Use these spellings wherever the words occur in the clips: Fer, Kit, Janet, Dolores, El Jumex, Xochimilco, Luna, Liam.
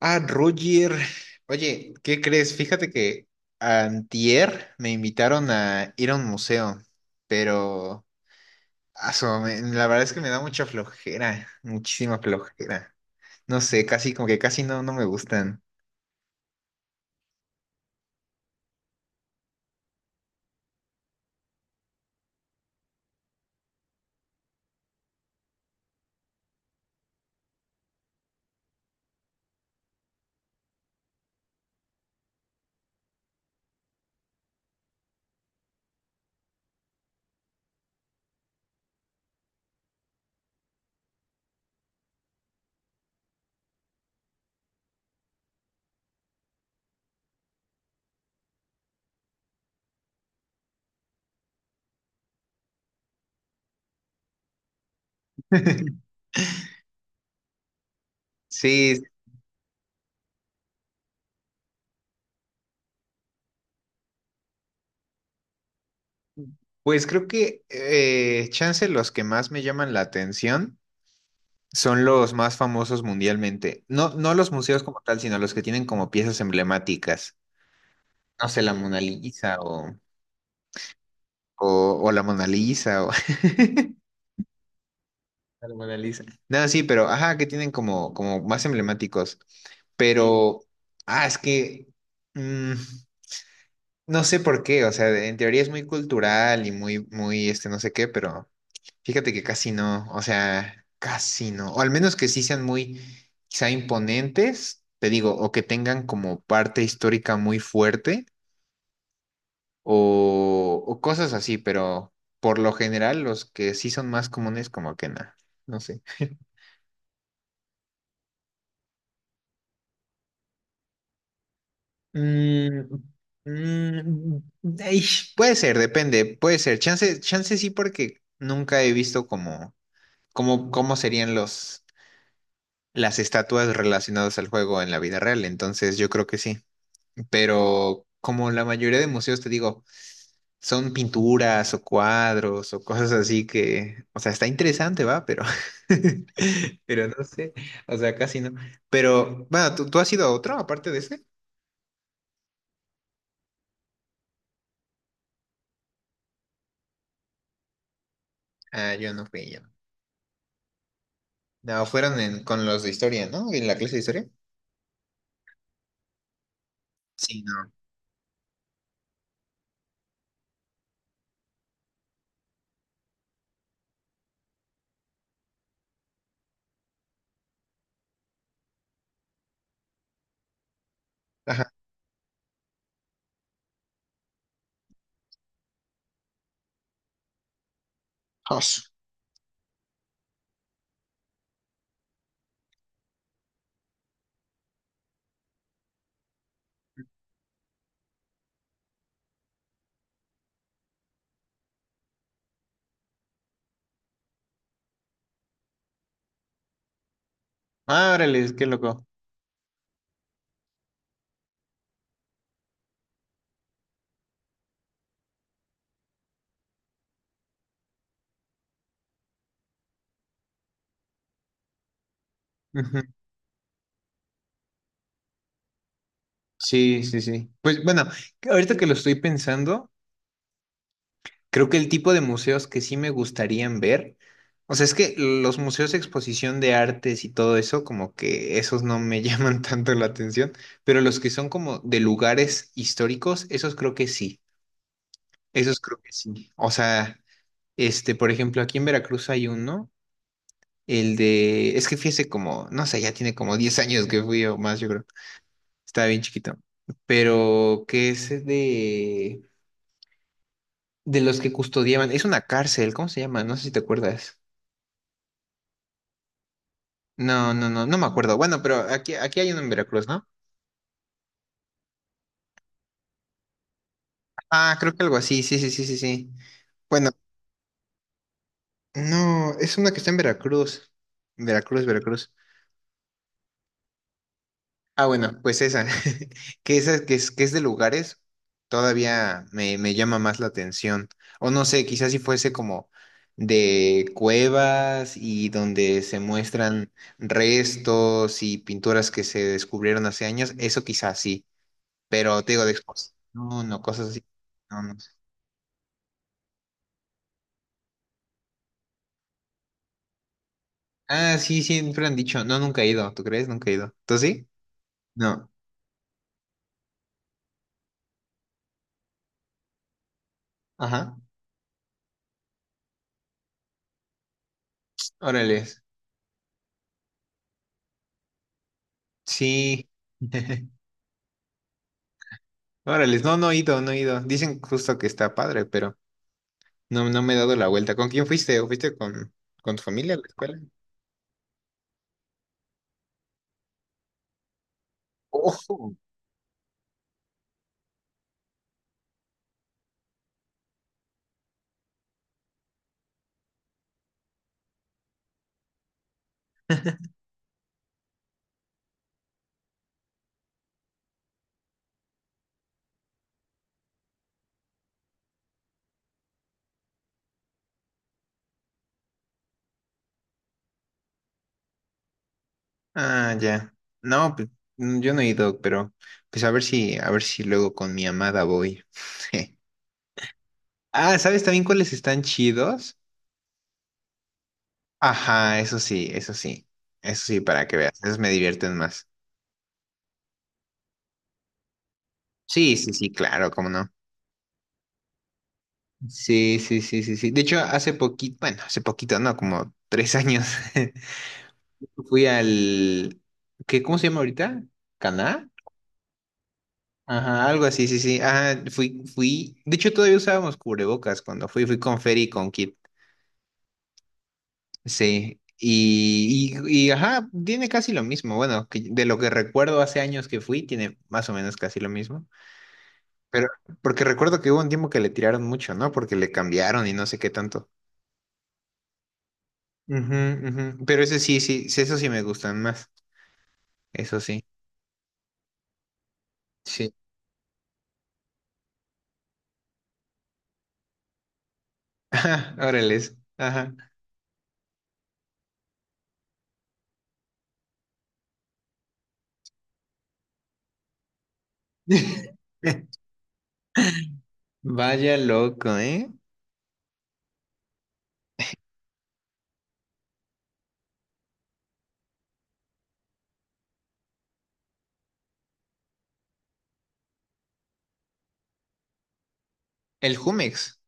Ah, Roger. Oye, ¿qué crees? Fíjate que antier me invitaron a ir a un museo, pero la verdad es que me da mucha flojera, muchísima flojera. No sé, casi como que casi no me gustan. Sí, pues creo que chance los que más me llaman la atención son los más famosos mundialmente. No, no los museos como tal, sino los que tienen como piezas emblemáticas. No sé, la Mona Lisa o la Mona Lisa. A la Mona Lisa. No, sí, pero, ajá, que tienen como, como más emblemáticos. Sí. Pero, ah, es que, mm, no sé por qué, o sea, en teoría es muy cultural y muy, muy, este, no sé qué, pero fíjate que casi no, o sea, casi no, o al menos que sí sean muy, quizá imponentes, te digo, o que tengan como parte histórica muy fuerte, o cosas así, pero por lo general los que sí son más comunes, como que nada, no sé. Mm, mm, ey, puede ser, depende, puede ser. Chance, chance sí, porque nunca he visto cómo serían las estatuas relacionadas al juego en la vida real. Entonces, yo creo que sí. Pero como la mayoría de museos, te digo, son pinturas o cuadros o cosas así que, o sea, está interesante, va, pero, pero no sé, o sea, casi no. Pero, bueno, ¿tú has ido a otro aparte de ese? Ah, yo no fui, no. No, con los de historia, ¿no? En la clase de historia. Sí, no. Ajá. Jos. Ah, órale, qué loco. Ujú. Sí, sí, sí. Pues bueno, ahorita que lo estoy pensando, creo que el tipo de museos que sí me gustarían ver, o sea, es que los museos de exposición de artes y todo eso, como que esos no me llaman tanto la atención, pero los que son como de lugares históricos, esos creo que sí, esos creo que sí. O sea, este, por ejemplo, aquí en Veracruz hay uno. El de, es que fui hace como, no sé, ya tiene como 10 años que fui o más, yo creo. Estaba bien chiquito. Pero que es de los que custodiaban, es una cárcel, ¿cómo se llama? No sé si te acuerdas. No, no me acuerdo. Bueno, pero aquí hay uno en Veracruz, ¿no? Ah, creo que algo así, sí, sí, sí, sí, sí. Bueno, no, es una que está en Veracruz. Veracruz, Veracruz. Ah, bueno, pues esa, que es de lugares, todavía me llama más la atención. O no sé, quizás si fuese como de cuevas y donde se muestran restos y pinturas que se descubrieron hace años, eso quizás sí, pero te digo cosas así. No, no sé. Ah, sí, siempre han dicho, no, nunca he ido, ¿tú crees? Nunca he ido. ¿Tú sí? No. Ajá. Órale. Sí. Órale, no, no he ido, no he ido. Dicen justo que está padre, pero no, no me he dado la vuelta. ¿Con quién fuiste? ¿O fuiste con tu familia a la escuela? Ojo. Ah, ya. No, pues yo no he ido, pero pues a ver si luego con mi amada voy. Ah, ¿sabes también cuáles están chidos? Ajá, eso sí, eso sí. Eso sí, para que veas. Esos me divierten más. Sí, sí, sí, claro, cómo no. Sí, sí, sí, sí, sí. De hecho, hace poquito, bueno, hace poquito, no, como 3 años. Fui al, ¿qué, cómo se llama ahorita? ¿Caná? Ajá, algo así, sí, sí. Ajá, fui, fui. De hecho, todavía usábamos cubrebocas cuando fui, fui con Fer y con Kit. Sí. Ajá, tiene casi lo mismo. Bueno, de lo que recuerdo hace años que fui, tiene más o menos casi lo mismo. Pero, porque recuerdo que hubo un tiempo que le tiraron mucho, ¿no? Porque le cambiaron y no sé qué tanto. Ujú, ujú. Pero ese sí, sí, sí, eso sí me gustan más. Eso sí. Sí. Ajá, órales. Ajá. Vaya loco, ¿eh? El Jumex.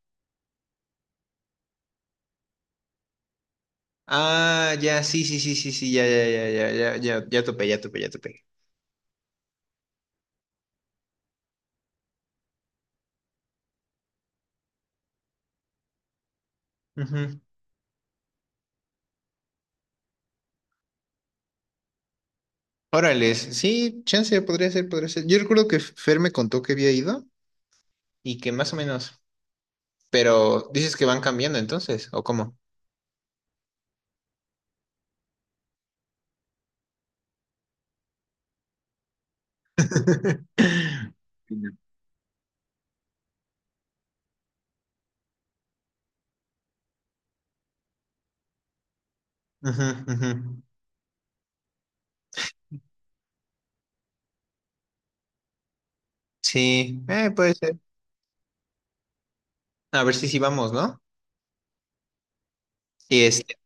Ah, ya, sí, sí, sí, sí, sí, ya, ya, ya, ya, ya, ya, ya topé, ya topé, ya topé. Ujú. Órale, sí, chance, podría ser, podría ser. Yo recuerdo que Fer me contó que había ido y que más o menos, pero dices que van cambiando entonces, ¿o cómo? Ujú, ujú. Sí, puede ser. A ver si sí vamos, ¿no? Y este,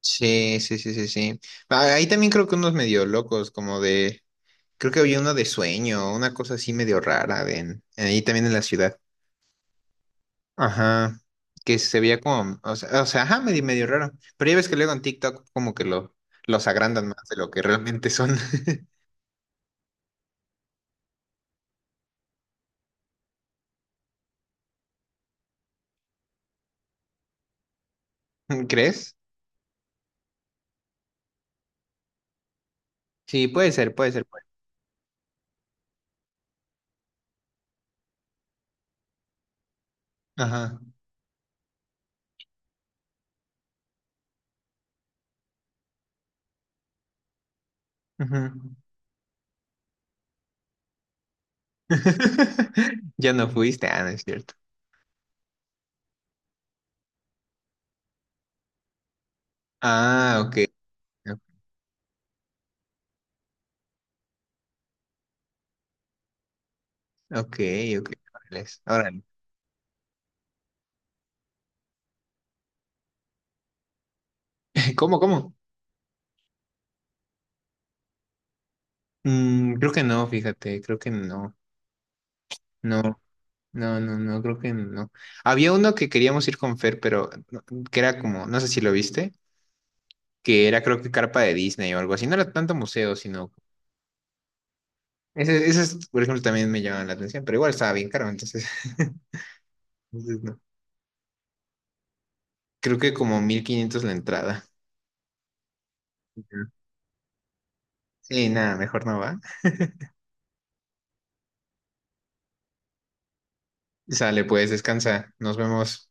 sí, sí, sí, sí, sí. Ah, ahí también creo que unos medio locos, como de creo que había uno de sueño, una cosa así medio rara ahí también en la ciudad. Ajá. Que se veía como, ajá, medio, medio raro. Pero ya ves que luego en TikTok los agrandan más de lo que realmente son. ¿Crees? Sí, puede ser, puede ser. Ajá. Ujú. Ya no fuiste, ah, no es cierto. Ah, ok. Ok, ok. Órale. Órale. ¿Cómo, cómo? Mm, creo que no, fíjate, creo que no. No. No, no, no, creo que no. Había uno que queríamos ir con Fer, pero que era como, no sé si lo viste, que era creo que carpa de Disney o algo así. No era tanto museo, sino... Ese, esas, por ejemplo, también me llamaban la atención, pero igual estaba bien caro, entonces... entonces no. Creo que como 1500 la entrada. Ujú. Sí, nada, mejor no va. Sale, pues, descansa. Nos vemos.